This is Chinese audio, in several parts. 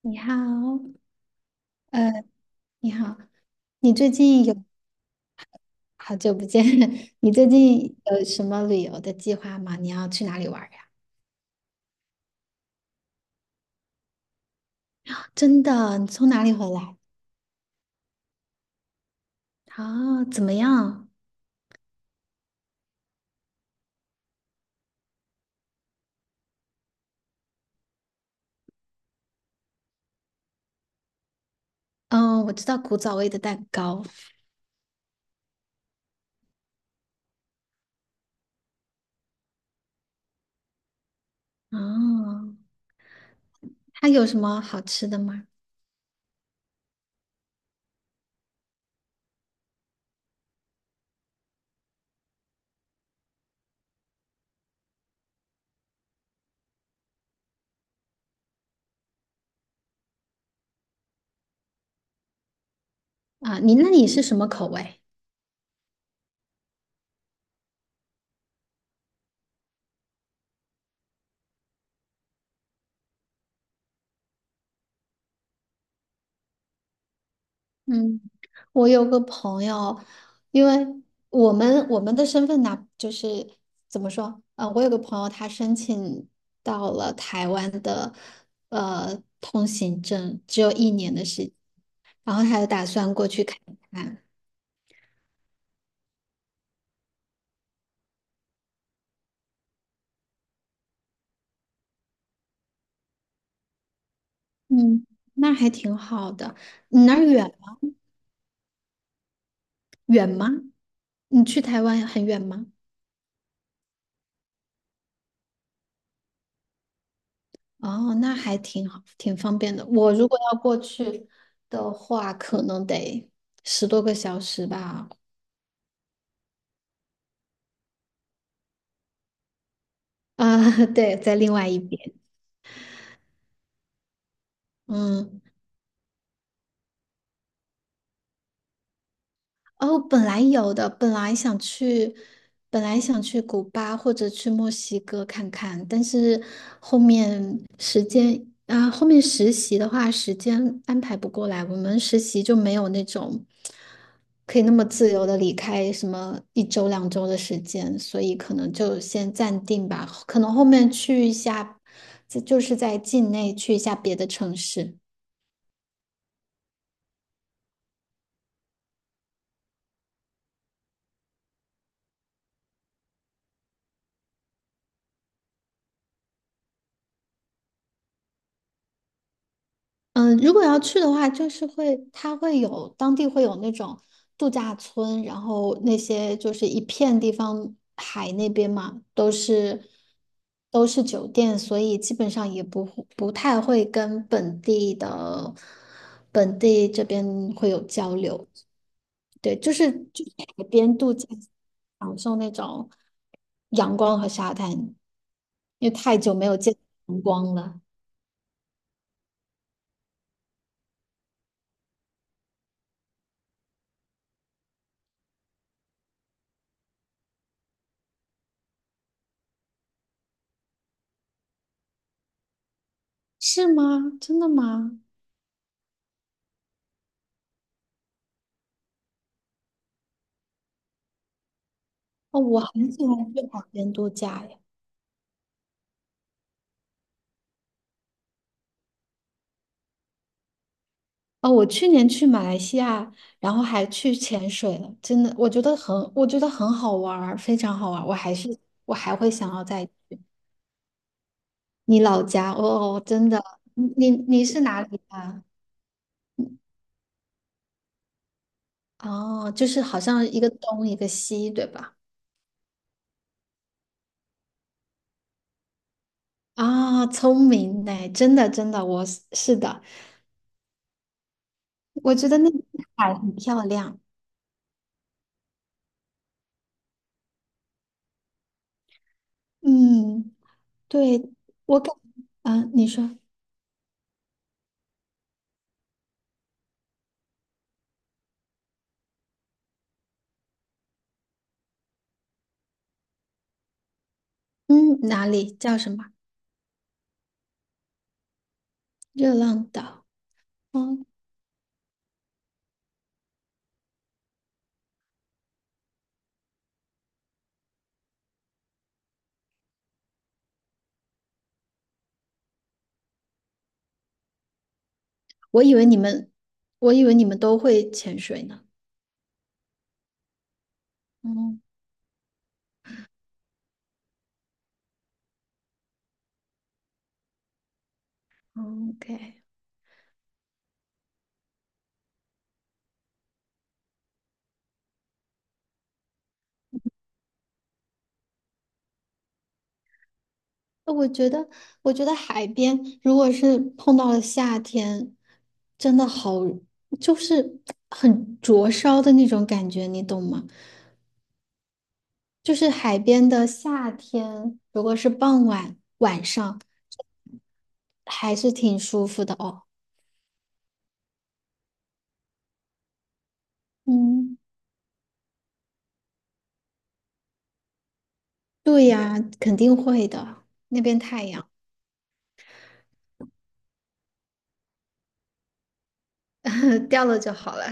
你好，呃，你好，你最近有好久不见，你最近有什么旅游的计划吗？你要去哪里玩儿呀？真的，你从哪里回来？哦，怎么样？嗯，我知道古早味的蛋糕。哦，它有什么好吃的吗？啊，你那里是什么口味？嗯，我有个朋友，因为我们的身份呢，就是怎么说？我有个朋友，他申请到了台湾的通行证，只有1年的时间，然后他就打算过去看看。嗯，那还挺好的。你那儿远吗？你去台湾很远吗？哦，那还挺好，挺方便的。我如果要过去的话，可能得10多个小时吧。啊，对，在另外一边。嗯，哦，本来有的，本来想去古巴或者去墨西哥看看，但是后面时间啊，后面实习的话，时间安排不过来，我们实习就没有那种可以那么自由的离开什么一周两周的时间，所以可能就先暂定吧，可能后面去一下，就是在境内去一下别的城市。嗯，如果要去的话，就是会，它会有当地会有那种度假村，然后那些就是一片地方，海那边嘛，都是酒店，所以基本上也不太会跟本地这边会有交流。对，就是海边度假，享受那种阳光和沙滩，因为太久没有见阳光了，是吗？真的吗？哦，我很喜欢去海边度假呀！哦，我去年去马来西亚，然后还去潜水了，真的，我觉得很好玩儿，非常好玩儿。我还会想要再去你老家哦，哦真的，你是哪里的啊？哦，就是好像一个东一个西，对吧？啊、聪明呢，真的真的，是的，我觉得那里的海很漂亮。嗯，对，我感，嗯、你说，嗯，哪里叫什么？热浪岛，嗯，我以为你们，我以为你们都会潜水呢。嗯嗯，OK，我觉得，海边如果是碰到了夏天，真的好，就是很灼烧的那种感觉，你懂吗？就是海边的夏天，如果是傍晚晚上，还是挺舒服的哦。嗯，对呀，肯定会的，那边太阳 掉了就好了。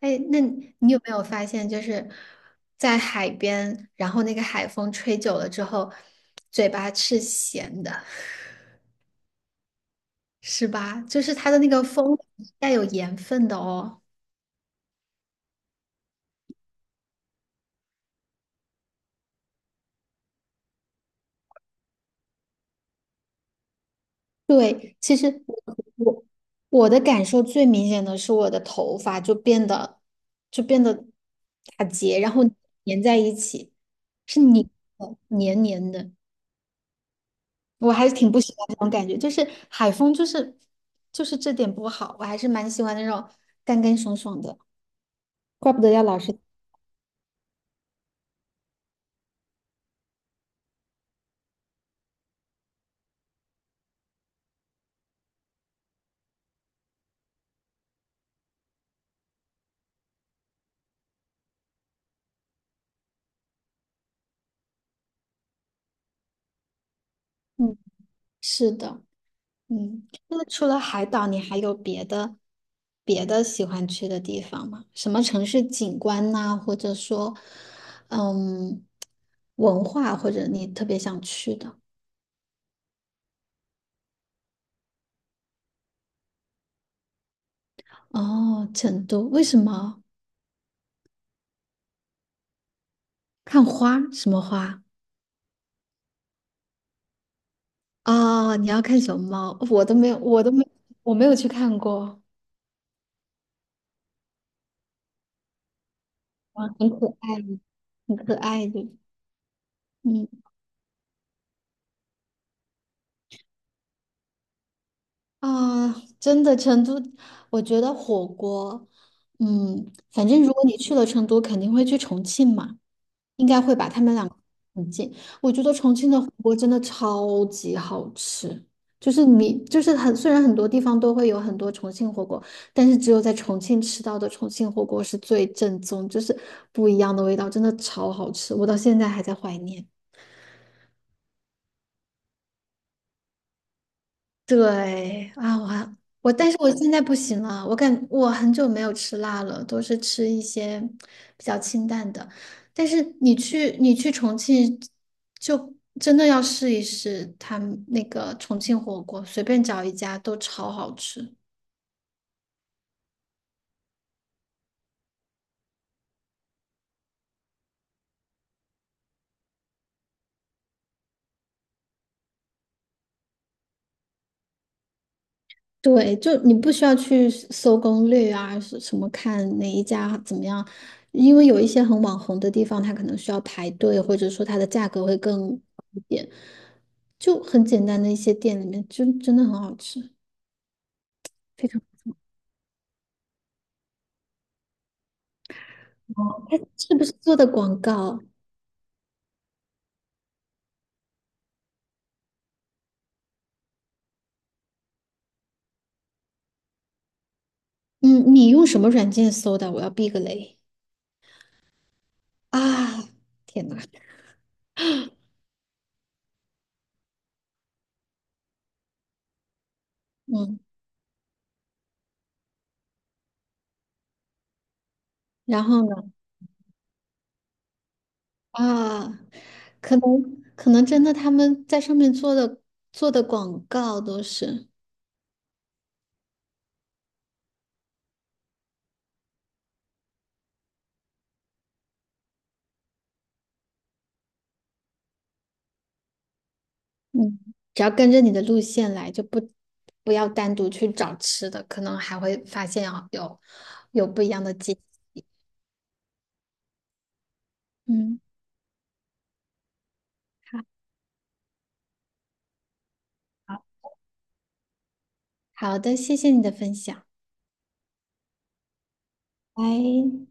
哎，那你有没有发现，就是在海边，然后那个海风吹久了之后，嘴巴是咸的，是吧？就是它的那个风带有盐分的哦。对，其实我我的感受最明显的是我的头发就变得就变得打结，然后粘在一起，是黏的，黏黏的。我还是挺不喜欢这种感觉，就是海风，就是这点不好，我还是蛮喜欢那种干干爽爽的，怪不得要老是，嗯，是的，嗯，那除了海岛，你还有别的喜欢去的地方吗？什么城市景观呐、或者说，嗯，文化，或者你特别想去的？哦，成都，为什么？看花？什么花？啊？你要看熊猫？我都没有，我都没，我没有去看过。哇，很可爱，的，很可爱的，嗯啊，真的，成都，我觉得火锅，嗯，反正如果你去了成都，肯定会去重庆嘛，应该会把他们俩个很近。我觉得重庆的火锅真的超级好吃，就是你就是很，虽然很多地方都会有很多重庆火锅，但是只有在重庆吃到的重庆火锅是最正宗，就是不一样的味道，真的超好吃，我到现在还在怀念。对啊，我还我，但是我现在不行了，我很久没有吃辣了，都是吃一些比较清淡的。但是你去重庆，就真的要试一试他们那个重庆火锅，随便找一家都超好吃。对，就你不需要去搜攻略啊，是什么看哪一家怎么样，因为有一些很网红的地方，它可能需要排队，或者说它的价格会更高一点，就很简单的一些店里面，就真的很好吃，非常。哦，它是不是做的广告？嗯，你用什么软件搜的？我要避个雷啊！天呐，嗯，然后呢？啊，可能可能真的他们在上面做的广告都是。嗯，只要跟着你的路线来，就不不要单独去找吃的，可能还会发现啊有不一样的景。嗯，好，好，好的，谢谢你的分享。拜。